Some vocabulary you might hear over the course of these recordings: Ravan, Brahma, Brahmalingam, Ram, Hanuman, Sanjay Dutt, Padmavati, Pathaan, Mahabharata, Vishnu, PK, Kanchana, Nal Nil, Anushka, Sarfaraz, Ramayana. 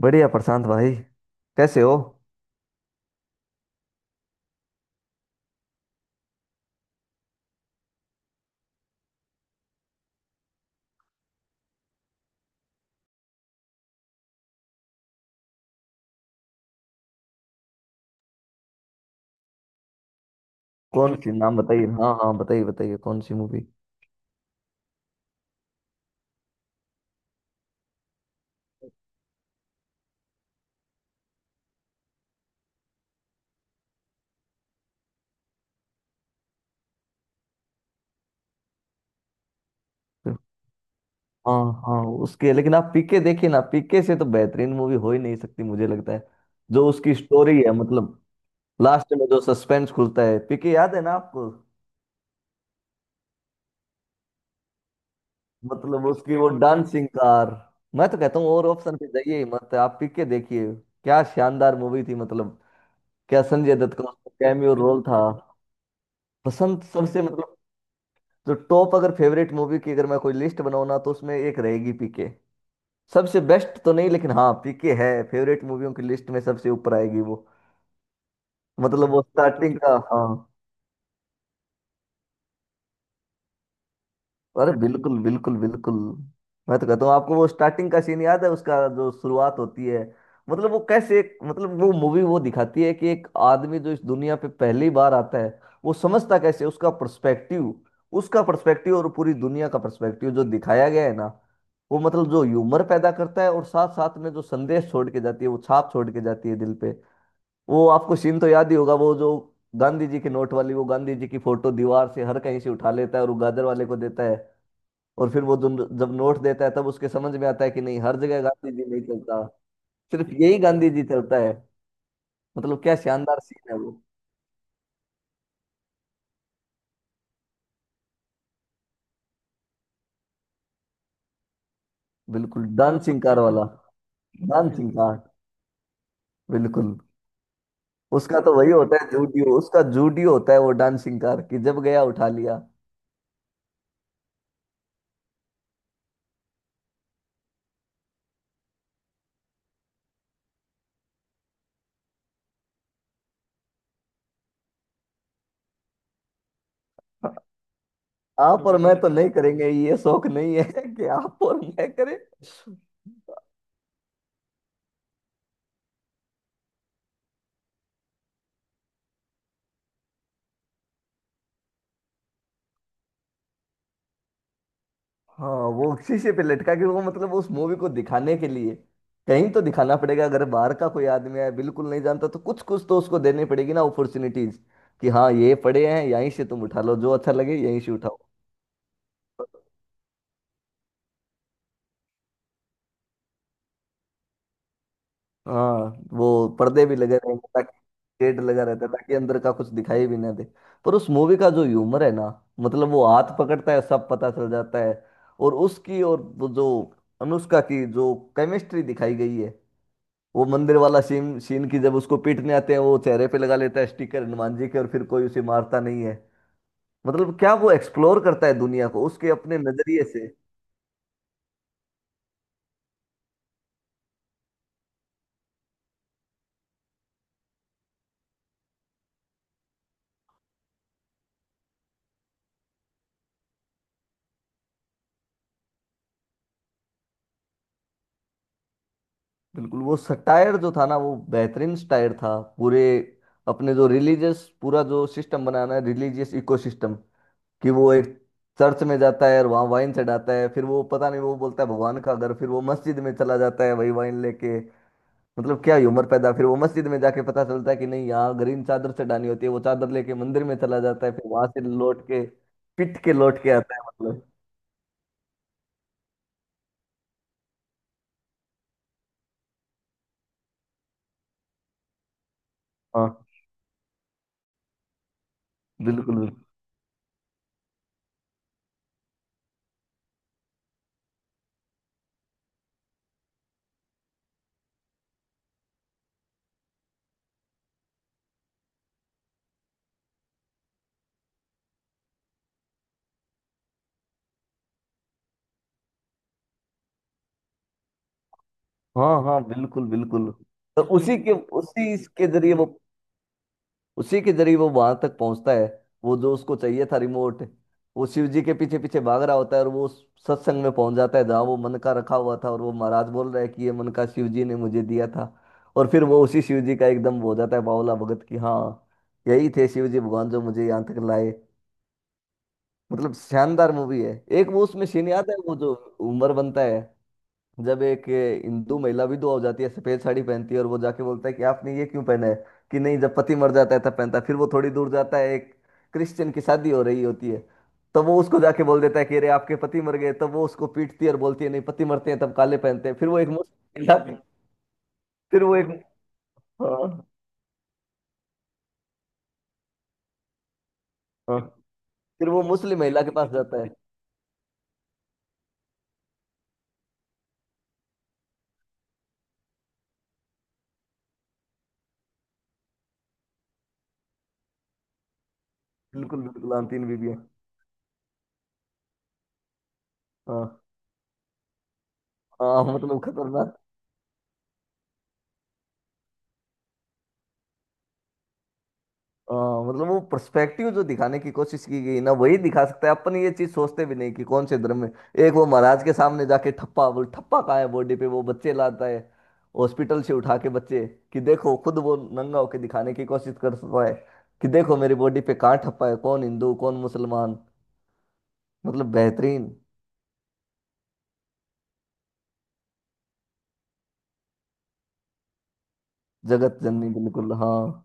बढ़िया प्रशांत भाई। कैसे हो। कौन सी नाम बताइए। हाँ हाँ हाँ, बताइए बताइए, कौन सी मूवी। हाँ हाँ उसके, लेकिन आप पीके देखिए ना, पीके से तो बेहतरीन मूवी हो ही नहीं सकती, मुझे लगता है। जो उसकी स्टोरी है मतलब, लास्ट में जो सस्पेंस खुलता है, पीके याद है ना आपको। मतलब उसकी वो डांसिंग कार। मैं तो कहता हूँ और ऑप्शन पे जाइए ही मत, आप पीके देखिए। क्या शानदार मूवी थी मतलब। क्या संजय दत्त का उसमें कैमियो रोल था। पसंद सबसे मतलब, तो टॉप अगर फेवरेट मूवी की अगर मैं कोई लिस्ट बनाऊँ ना, तो उसमें एक रहेगी पीके। सबसे बेस्ट तो नहीं, लेकिन हाँ पीके है फेवरेट मूवियों की लिस्ट में, सबसे ऊपर आएगी वो। मतलब वो बिल्कुल स्टार्टिंग का, हाँ। अरे बिल्कुल बिल्कुल बिल्कुल। मैं तो कहता हूँ आपको, वो स्टार्टिंग का सीन याद है उसका, जो शुरुआत होती है। मतलब वो कैसे मतलब, वो मूवी वो दिखाती है कि एक आदमी जो इस दुनिया पे पहली बार आता है, वो समझता कैसे उसका पर्सपेक्टिव, उसका पर्सपेक्टिव और पूरी दुनिया का पर्सपेक्टिव जो दिखाया गया है ना, वो मतलब जो ह्यूमर पैदा करता है, और साथ साथ में जो संदेश छोड़ के जाती है, वो छाप छोड़ के जाती है दिल पे। वो आपको सीन तो याद ही होगा, वो जो गांधी जी के नोट वाली, वो गांधी जी की फोटो दीवार से हर कहीं से उठा लेता है और वो गाजर वाले को देता है, और फिर वो जब नोट देता है, तब उसके समझ में आता है कि नहीं, हर जगह गांधी जी नहीं चलता, सिर्फ यही गांधी जी चलता है। मतलब क्या शानदार सीन है वो। बिल्कुल डांसिंग कार वाला। Dancing car. बिल्कुल। उसका तो वही होता है, जूडियो उसका जूडियो होता है वो डांसिंग कार, कि जब गया उठा लिया। आप और मैं तो नहीं करेंगे, ये शौक नहीं है कि आप और मैं करें। हाँ, वो शीशे पे लटका के वो मतलब उस मूवी को दिखाने के लिए, कहीं तो दिखाना पड़ेगा। अगर बाहर का कोई आदमी है, बिल्कुल नहीं जानता, तो कुछ कुछ तो उसको देनी पड़ेगी ना अपॉर्चुनिटीज, कि हाँ ये पड़े हैं, यहीं से तुम उठा लो, जो अच्छा लगे यहीं से उठाओ। हाँ वो पर्दे भी लगे रहेंगे ताकि, शेड लगा रहता है ताकि अंदर का कुछ दिखाई भी ना दे। पर उस मूवी का जो ह्यूमर है ना, मतलब वो हाथ पकड़ता है, सब पता चल जाता है। और उसकी और वो जो अनुष्का की जो केमिस्ट्री दिखाई गई है, वो मंदिर वाला सीन, सीन की जब उसको पीटने आते हैं, वो चेहरे पे लगा लेता है स्टिकर हनुमान जी के, और फिर कोई उसे मारता नहीं है। मतलब क्या वो एक्सप्लोर करता है दुनिया को उसके अपने नजरिए से। बिल्कुल, वो सटायर जो था ना, वो बेहतरीन सटायर था पूरे अपने जो रिलीजियस पूरा जो सिस्टम बनाना है, रिलीजियस इकोसिस्टम। कि वो एक चर्च में जाता है और वहाँ वाइन चढ़ाता है, फिर वो पता नहीं वो बोलता है भगवान का घर, फिर वो मस्जिद में चला जाता है वही वाइन लेके। मतलब क्या ही उम्र पैदा, फिर वो मस्जिद में जाके पता चलता है कि नहीं, यहाँ ग्रीन चादर चढ़ानी होती है, वो चादर लेके मंदिर में चला जाता है, फिर वहां से लौट के पिट के लौट के आता है, मतलब। हाँ बिल्कुल बिल्कुल। हाँ हाँ बिल्कुल बिल्कुल। तो उसी के, उसी के जरिए वो, उसी के जरिए वो वहां तक पहुंचता है। वो जो उसको चाहिए था रिमोट, वो शिव जी के पीछे पीछे भाग रहा होता है, और वो उस सत्संग में पहुंच जाता है, जहाँ वो मन का रखा हुआ था, और वो महाराज बोल रहा है कि ये मन का शिव जी ने मुझे दिया था। और फिर वो उसी शिव जी का एकदम हो जाता है बावला भगत की, हाँ, यही थे शिव जी भगवान जो मुझे यहाँ तक लाए। मतलब शानदार मूवी है। एक वो उसमें सीन याद है वो जो उमर बनता है, जब एक ये हिंदू महिला विधवा हो जाती है, सफेद साड़ी पहनती है और वो जाके बोलता है कि आपने ये क्यों पहना है, कि नहीं जब पति मर जाता है तब पहनता है। फिर वो थोड़ी दूर जाता है, एक क्रिश्चियन की शादी हो रही होती है, तो वो उसको जाके बोल देता है कि अरे आपके पति मर गए, तब वो उसको पीटती है और बोलती है नहीं, पति मरते हैं तब काले पहनते हैं। फिर वो एक मुस्लिम महिला, फिर वो एक हाँ हाँ, फिर वो मुस्लिम महिला के पास जाता है। बिल्कुल बिल्कुल, हाँ तीन बीवियां। हाँ हाँ, मतलब खतरनाक। अ, मतलब वो पर्सपेक्टिव जो दिखाने की कोशिश की गई ना, वही दिखा सकता है। अपन ये चीज सोचते भी नहीं कि कौन से धर्म में, एक वो महाराज के सामने जाके ठप्पा बोल ठप्पा कहाँ है बॉडी पे, वो बच्चे लाता है हॉस्पिटल से उठा के बच्चे, कि देखो, खुद वो नंगा होके दिखाने की कोशिश करता है कि देखो मेरी बॉडी पे कहाँ ठप्पा है, कौन हिंदू कौन मुसलमान। मतलब बेहतरीन। जगत जननी, बिल्कुल हाँ।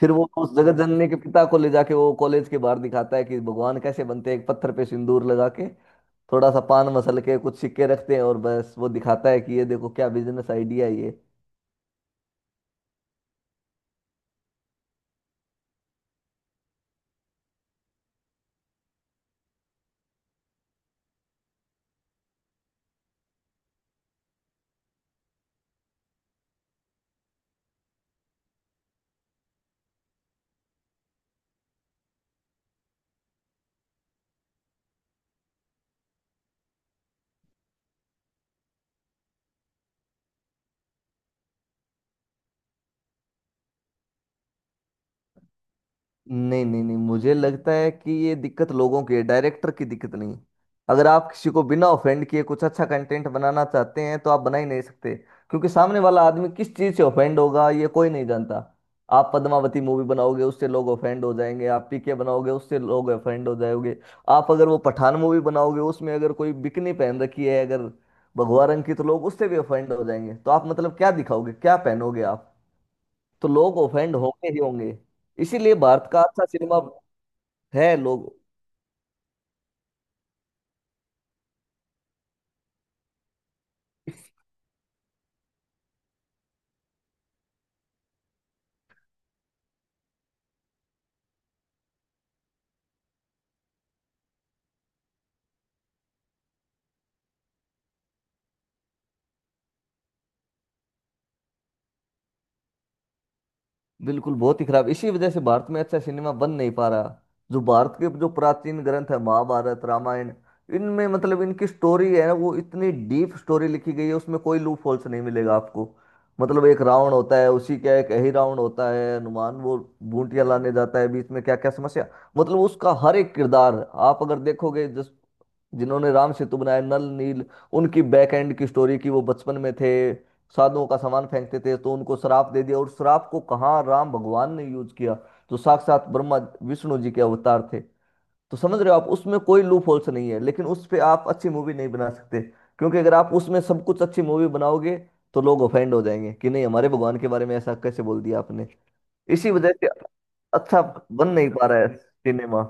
फिर वो उस जगत जननी के पिता को ले जाके वो कॉलेज के बाहर दिखाता है कि भगवान कैसे बनते हैं, एक पत्थर पे सिंदूर लगा के, थोड़ा सा पान मसल के, कुछ सिक्के रखते हैं, और बस वो दिखाता है कि ये देखो क्या बिजनेस आइडिया है ये। नहीं नहीं नहीं मुझे लगता है कि ये दिक्कत लोगों की है, डायरेक्टर की दिक्कत नहीं। अगर आप किसी को बिना ऑफेंड किए कुछ अच्छा कंटेंट बनाना चाहते हैं, तो आप बना ही नहीं सकते। क्योंकि सामने वाला आदमी किस चीज़ से ऑफेंड होगा, ये कोई नहीं जानता। आप पद्मावती मूवी बनाओगे उससे लोग ऑफेंड हो जाएंगे, आप पीके बनाओगे उससे लोग ऑफेंड हो जाओगे, आप अगर वो पठान मूवी बनाओगे उसमें अगर कोई बिकनी पहन रखी है अगर भगवा रंग की तो लोग उससे भी ऑफेंड हो जाएंगे। तो आप मतलब क्या दिखाओगे, क्या पहनोगे आप। तो लोग ऑफेंड होंगे ही होंगे। इसीलिए भारत का अच्छा सिनेमा है, लोग, बिल्कुल बहुत ही खराब। इसी वजह से भारत में अच्छा सिनेमा बन नहीं पा रहा। जो भारत के जो प्राचीन ग्रंथ है महाभारत रामायण, इनमें मतलब इनकी स्टोरी है ना, वो इतनी डीप स्टोरी लिखी गई है, उसमें कोई लूप होल्स नहीं मिलेगा आपको। मतलब एक रावण होता है, उसी का एक ही रावण होता है, हनुमान वो बूटियां लाने जाता है, बीच में क्या क्या समस्या, मतलब उसका हर एक किरदार। आप अगर देखोगे, जिस जिन्होंने राम सेतु बनाया, नल नील, उनकी बैक एंड की स्टोरी की वो बचपन में थे, साधुओं का सामान फेंकते थे तो उनको श्राप दे दिया, और श्राप को कहाँ राम भगवान ने यूज किया। तो साक्षात ब्रह्मा विष्णु जी के अवतार थे। तो समझ रहे हो आप, उसमें कोई लूप होल्स नहीं है, लेकिन उस पे आप अच्छी मूवी नहीं बना सकते। क्योंकि अगर आप उसमें सब कुछ अच्छी मूवी बनाओगे, तो लोग ऑफेंड हो जाएंगे कि नहीं, हमारे भगवान के बारे में ऐसा कैसे बोल दिया आपने। इसी वजह से अच्छा बन नहीं पा रहा है सिनेमा।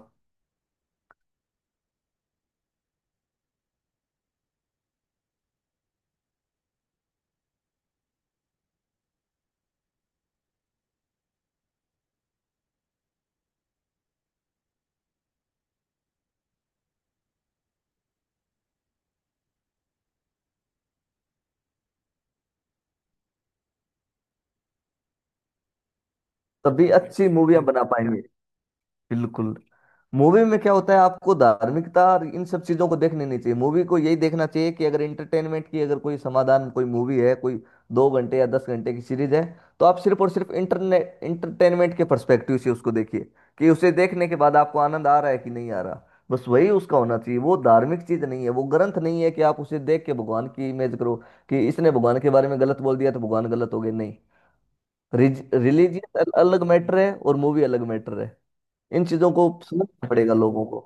तभी अच्छी मूवियां बना पाएंगे। बिल्कुल। मूवी में क्या होता है, आपको धार्मिकता और इन सब चीजों को देखने नहीं चाहिए। मूवी को यही देखना चाहिए कि अगर एंटरटेनमेंट की अगर कोई समाधान कोई मूवी है, कोई दो घंटे या दस घंटे की सीरीज है, तो आप सिर्फ और सिर्फ इंटरनेट इंटरटेनमेंट के पर्सपेक्टिव से उसको देखिए, कि उसे देखने के बाद आपको आनंद आ रहा है कि नहीं आ रहा। बस वही उसका होना चाहिए। वो धार्मिक चीज नहीं है, वो ग्रंथ नहीं है कि आप उसे देख के भगवान की इमेज करो, कि इसने भगवान के बारे में गलत बोल दिया तो भगवान गलत हो गए, नहीं। रिलीजियस अलग मैटर है और मूवी अलग मैटर है। इन चीजों को समझना पड़ेगा लोगों को।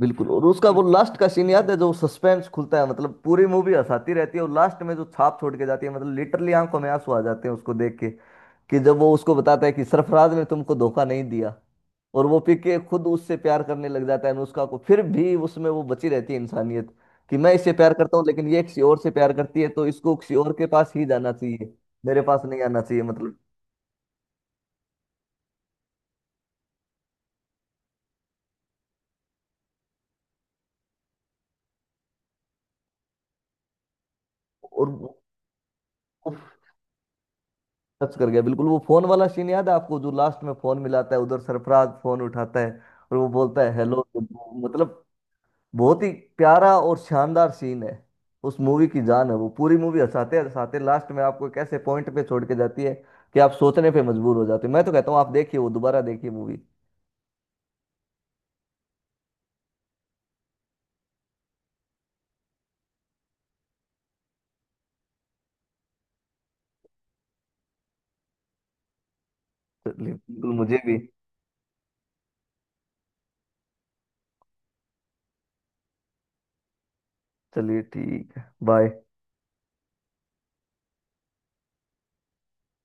बिल्कुल। और उसका वो लास्ट का सीन याद है, जो सस्पेंस खुलता है, मतलब पूरी मूवी हंसाती रहती है और लास्ट में जो छाप छोड़ के जाती है, मतलब लिटरली आंखों में आंसू आ जाते हैं उसको देख के। कि जब वो उसको बताता है कि सरफराज ने तुमको धोखा नहीं दिया, और वो पीके खुद उससे प्यार करने लग जाता है अनुष्का को, फिर भी उसमें वो बची रहती है इंसानियत, कि मैं इससे प्यार करता हूँ, लेकिन ये किसी और से प्यार करती है, तो इसको किसी और के पास ही जाना चाहिए, मेरे पास नहीं आना चाहिए, मतलब। और टच कर गया बिल्कुल। वो फोन वाला सीन याद है आपको, जो लास्ट में फोन मिलाता है, उधर सरफराज फोन उठाता है, और वो बोलता है हेलो, मतलब बहुत ही प्यारा और शानदार सीन है। उस मूवी की जान है वो, पूरी मूवी हंसाते हंसाते लास्ट में आपको एक ऐसे पॉइंट पे छोड़ के जाती है कि आप सोचने पे मजबूर हो जाते हो। मैं तो कहता हूँ आप देखिए, वो दोबारा देखिए मूवी। चलिए बिल्कुल, मुझे भी। चलिए ठीक है, बाय।